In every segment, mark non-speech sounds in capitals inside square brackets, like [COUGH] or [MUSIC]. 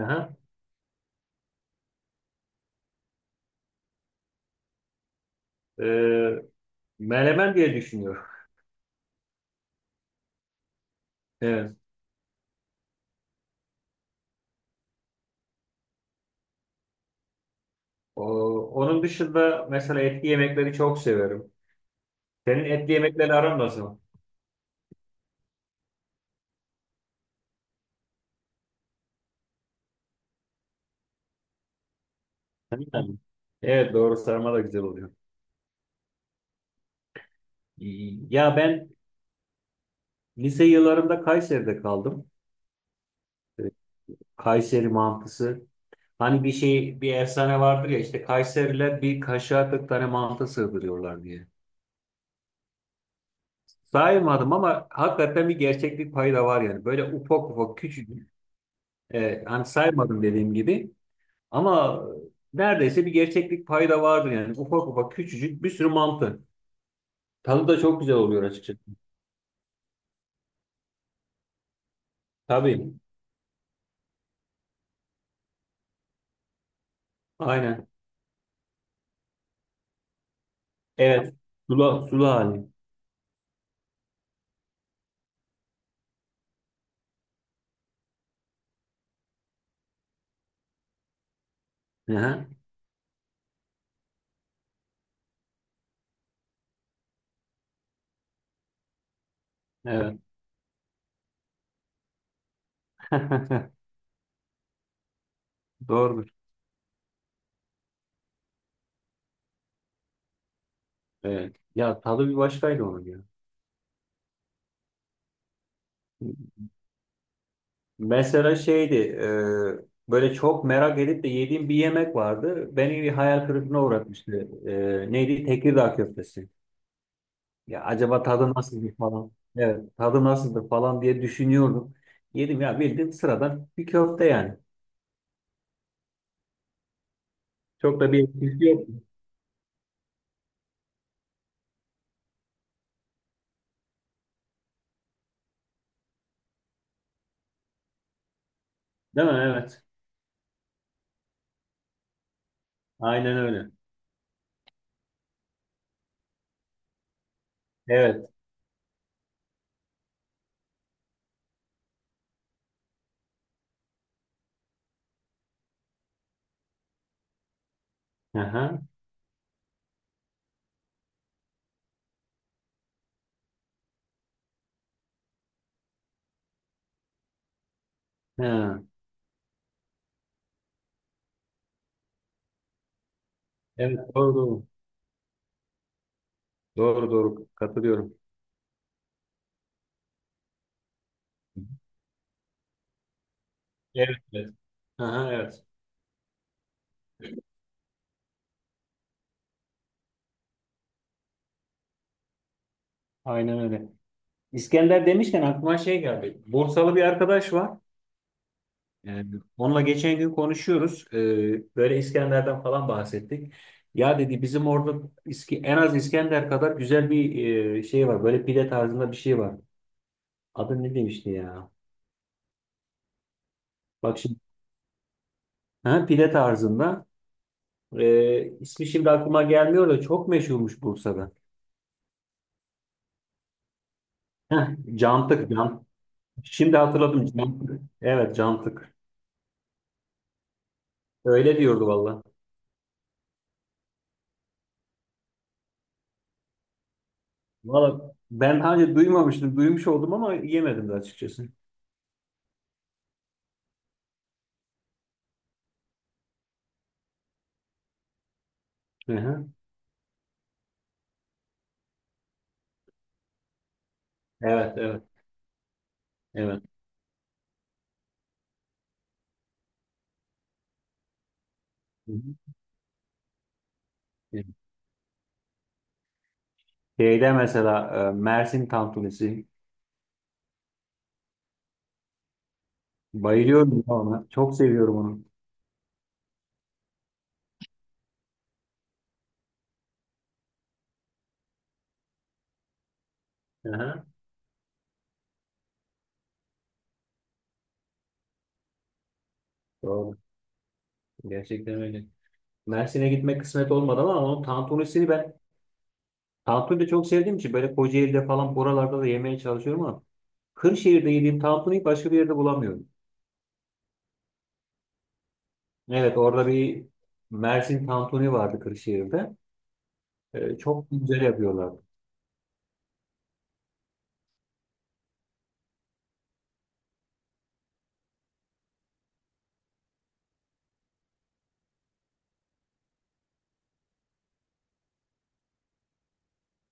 Aha. Ee, Menemen diye düşünüyorum. Evet. O, Onun dışında mesela etli yemekleri çok severim. Senin etli yemekleri aran nasıl? Tabii. Evet, doğru, sarma da güzel oluyor. Ya ben lise yıllarında Kayseri'de kaldım. Ee, Kayseri mantısı. Hani bir şey, bir efsane vardır ya, işte Kayseriler bir kaşığa 40 tane mantı sığdırıyorlar diye. Saymadım ama hakikaten bir gerçeklik payı da var yani. Böyle ufak ufak küçük. Hani saymadım dediğim gibi. Ama neredeyse bir gerçeklik payı da vardır yani. Ufak ufak küçücük bir sürü mantı. Tadı da çok güzel oluyor açıkçası. Tabii. Aynen. Evet. Sulu, sulu hali. Hı hı. Evet. [LAUGHS] Doğrudur. Evet. Ya tadı bir başkaydı onun ya. Mesela şeydi, böyle çok merak edip de yediğim bir yemek vardı. Beni bir hayal kırıklığına uğratmıştı. E, neydi? Tekirdağ köftesi. Ya acaba tadı nasıldır falan. Evet, tadı nasıldır falan diye düşünüyordum. Yedim ya, bildiğin sıradan bir köfte yani. Çok da bir etkisi yok. Değil mi? Evet. Aynen öyle. Evet. Aha. Ha. Evet, doğru doğru. Doğru doğru, katılıyorum. Evet, evet. Aha, evet. Aynen öyle. İskender demişken aklıma şey geldi. Bursalı bir arkadaş var. Yani onunla geçen gün konuşuyoruz. Böyle İskender'den falan bahsettik. Ya dedi, bizim orada en az İskender kadar güzel bir şey var. Böyle pide tarzında bir şey var. Adı ne demişti ya? Bak şimdi, ha, pide tarzında. İsmi şimdi aklıma gelmiyor da çok meşhurmuş Bursa'da. Heh, cantık. Can. Şimdi hatırladım. Cantık. Evet, cantık. Öyle diyordu valla. Valla ben hani duymamıştım. Duymuş oldum ama yemedim de açıkçası. Hı hı. Evet, evet. Evet. Şeyde mesela Mersin tantunisi. Bayılıyorum ya ona. Çok seviyorum onu. Aha, doğru. Gerçekten öyle. Mersin'e gitmek kısmet olmadı ama onun tantunisini ben, tantuni de çok sevdiğim için, böyle Kocaeli'de falan buralarda da yemeye çalışıyorum ama Kırşehir'de yediğim tantuniyi başka bir yerde bulamıyorum. Evet, orada bir Mersin tantuni vardı Kırşehir'de. E, çok güzel yapıyorlardı.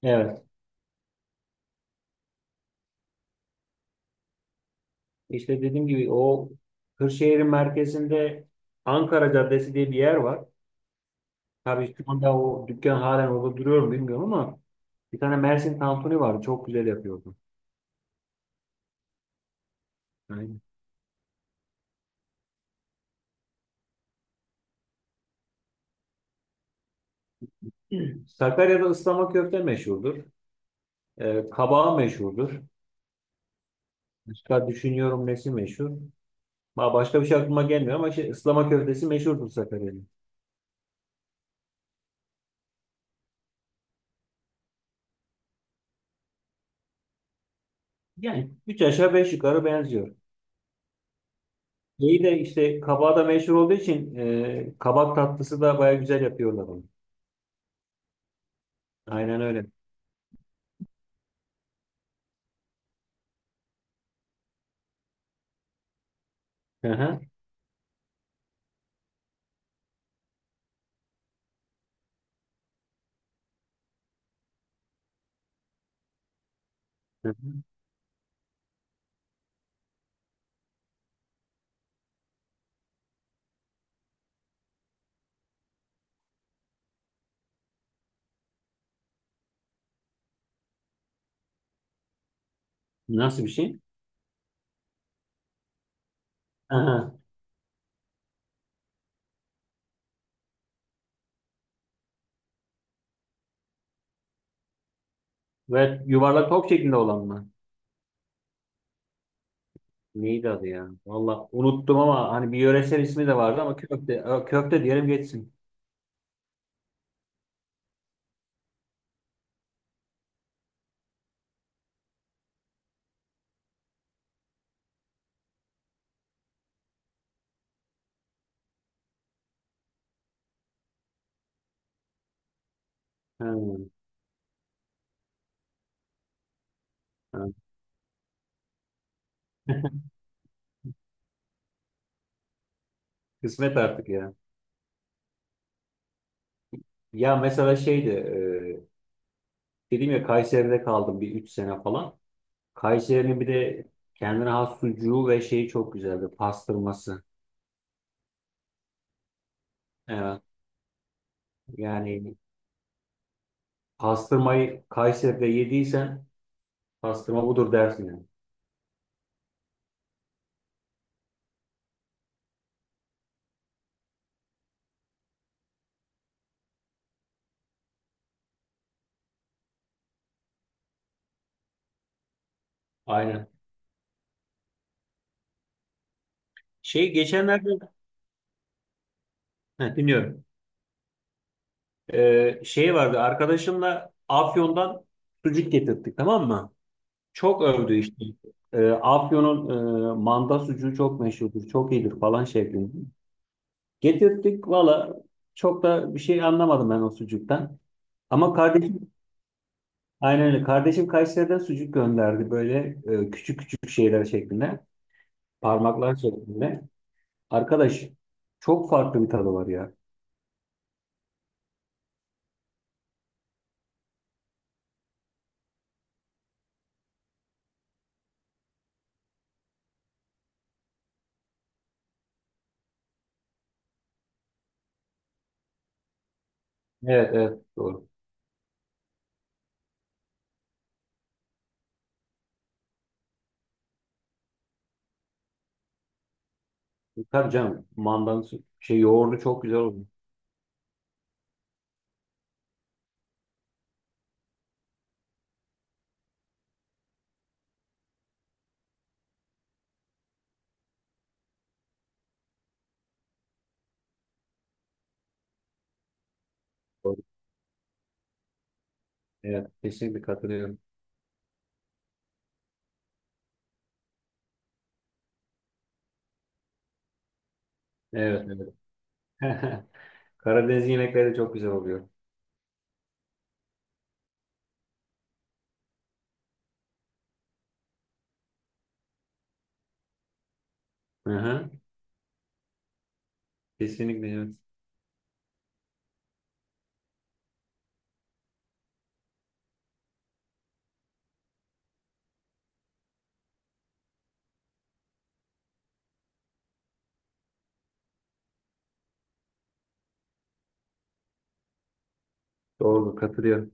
Evet. İşte dediğim gibi, o Kırşehir'in merkezinde Ankara Caddesi diye bir yer var. Tabii şu anda o dükkan halen orada duruyor mu bilmiyorum ama bir tane Mersin tantuni vardı. Çok güzel yapıyordu. Yani. Sakarya'da ıslama köfte meşhurdur. Kabağı meşhurdur. Başka düşünüyorum nesi meşhur. Başka bir şey aklıma gelmiyor ama şey, ıslama köftesi meşhurdur Sakarya'nın. Yani üç aşağı beş yukarı benziyor. İyi de işte kabağı da meşhur olduğu için kabak tatlısı da baya güzel yapıyorlar onu. Aynen öyle. Hı hı. Hı hı. Nasıl bir şey? Hı hı. Ve yuvarlak top şeklinde olan mı? Neydi adı ya? Valla unuttum ama hani bir yöresel ismi de vardı ama köfte, Ö, köfte diyelim geçsin. Ha, ha. [LAUGHS] Kısmet artık ya. Ya mesela şeydi, dedim ya, Kayseri'de kaldım bir 3 sene falan. Kayseri'nin bir de kendine has sucuğu ve şeyi çok güzeldi, pastırması. Evet. Yani pastırmayı Kayseri'de yediysen pastırma budur dersin yani. Aynen. Şey geçenlerde, heh, dinliyorum. Şey vardı, arkadaşımla Afyon'dan sucuk getirttik, tamam mı? Çok övdü işte. Afyon'un manda sucuğu çok meşhurdur, çok iyidir falan şeklinde. Getirttik valla, çok da bir şey anlamadım ben o sucuktan. Ama kardeşim, aynen öyle. Kardeşim Kayseri'den sucuk gönderdi, böyle küçük küçük şeyler şeklinde. Parmaklar şeklinde. Arkadaş, çok farklı bir tadı var ya. Evet evet, doğru. Tabii canım, mandanın şey yoğurdu çok güzel oldu. Evet, kesinlikle katılıyorum. Evet, evet. [LAUGHS] Karadeniz yemekleri de çok güzel oluyor. Hı hı. Kesinlikle evet. Doğru, katılıyorum.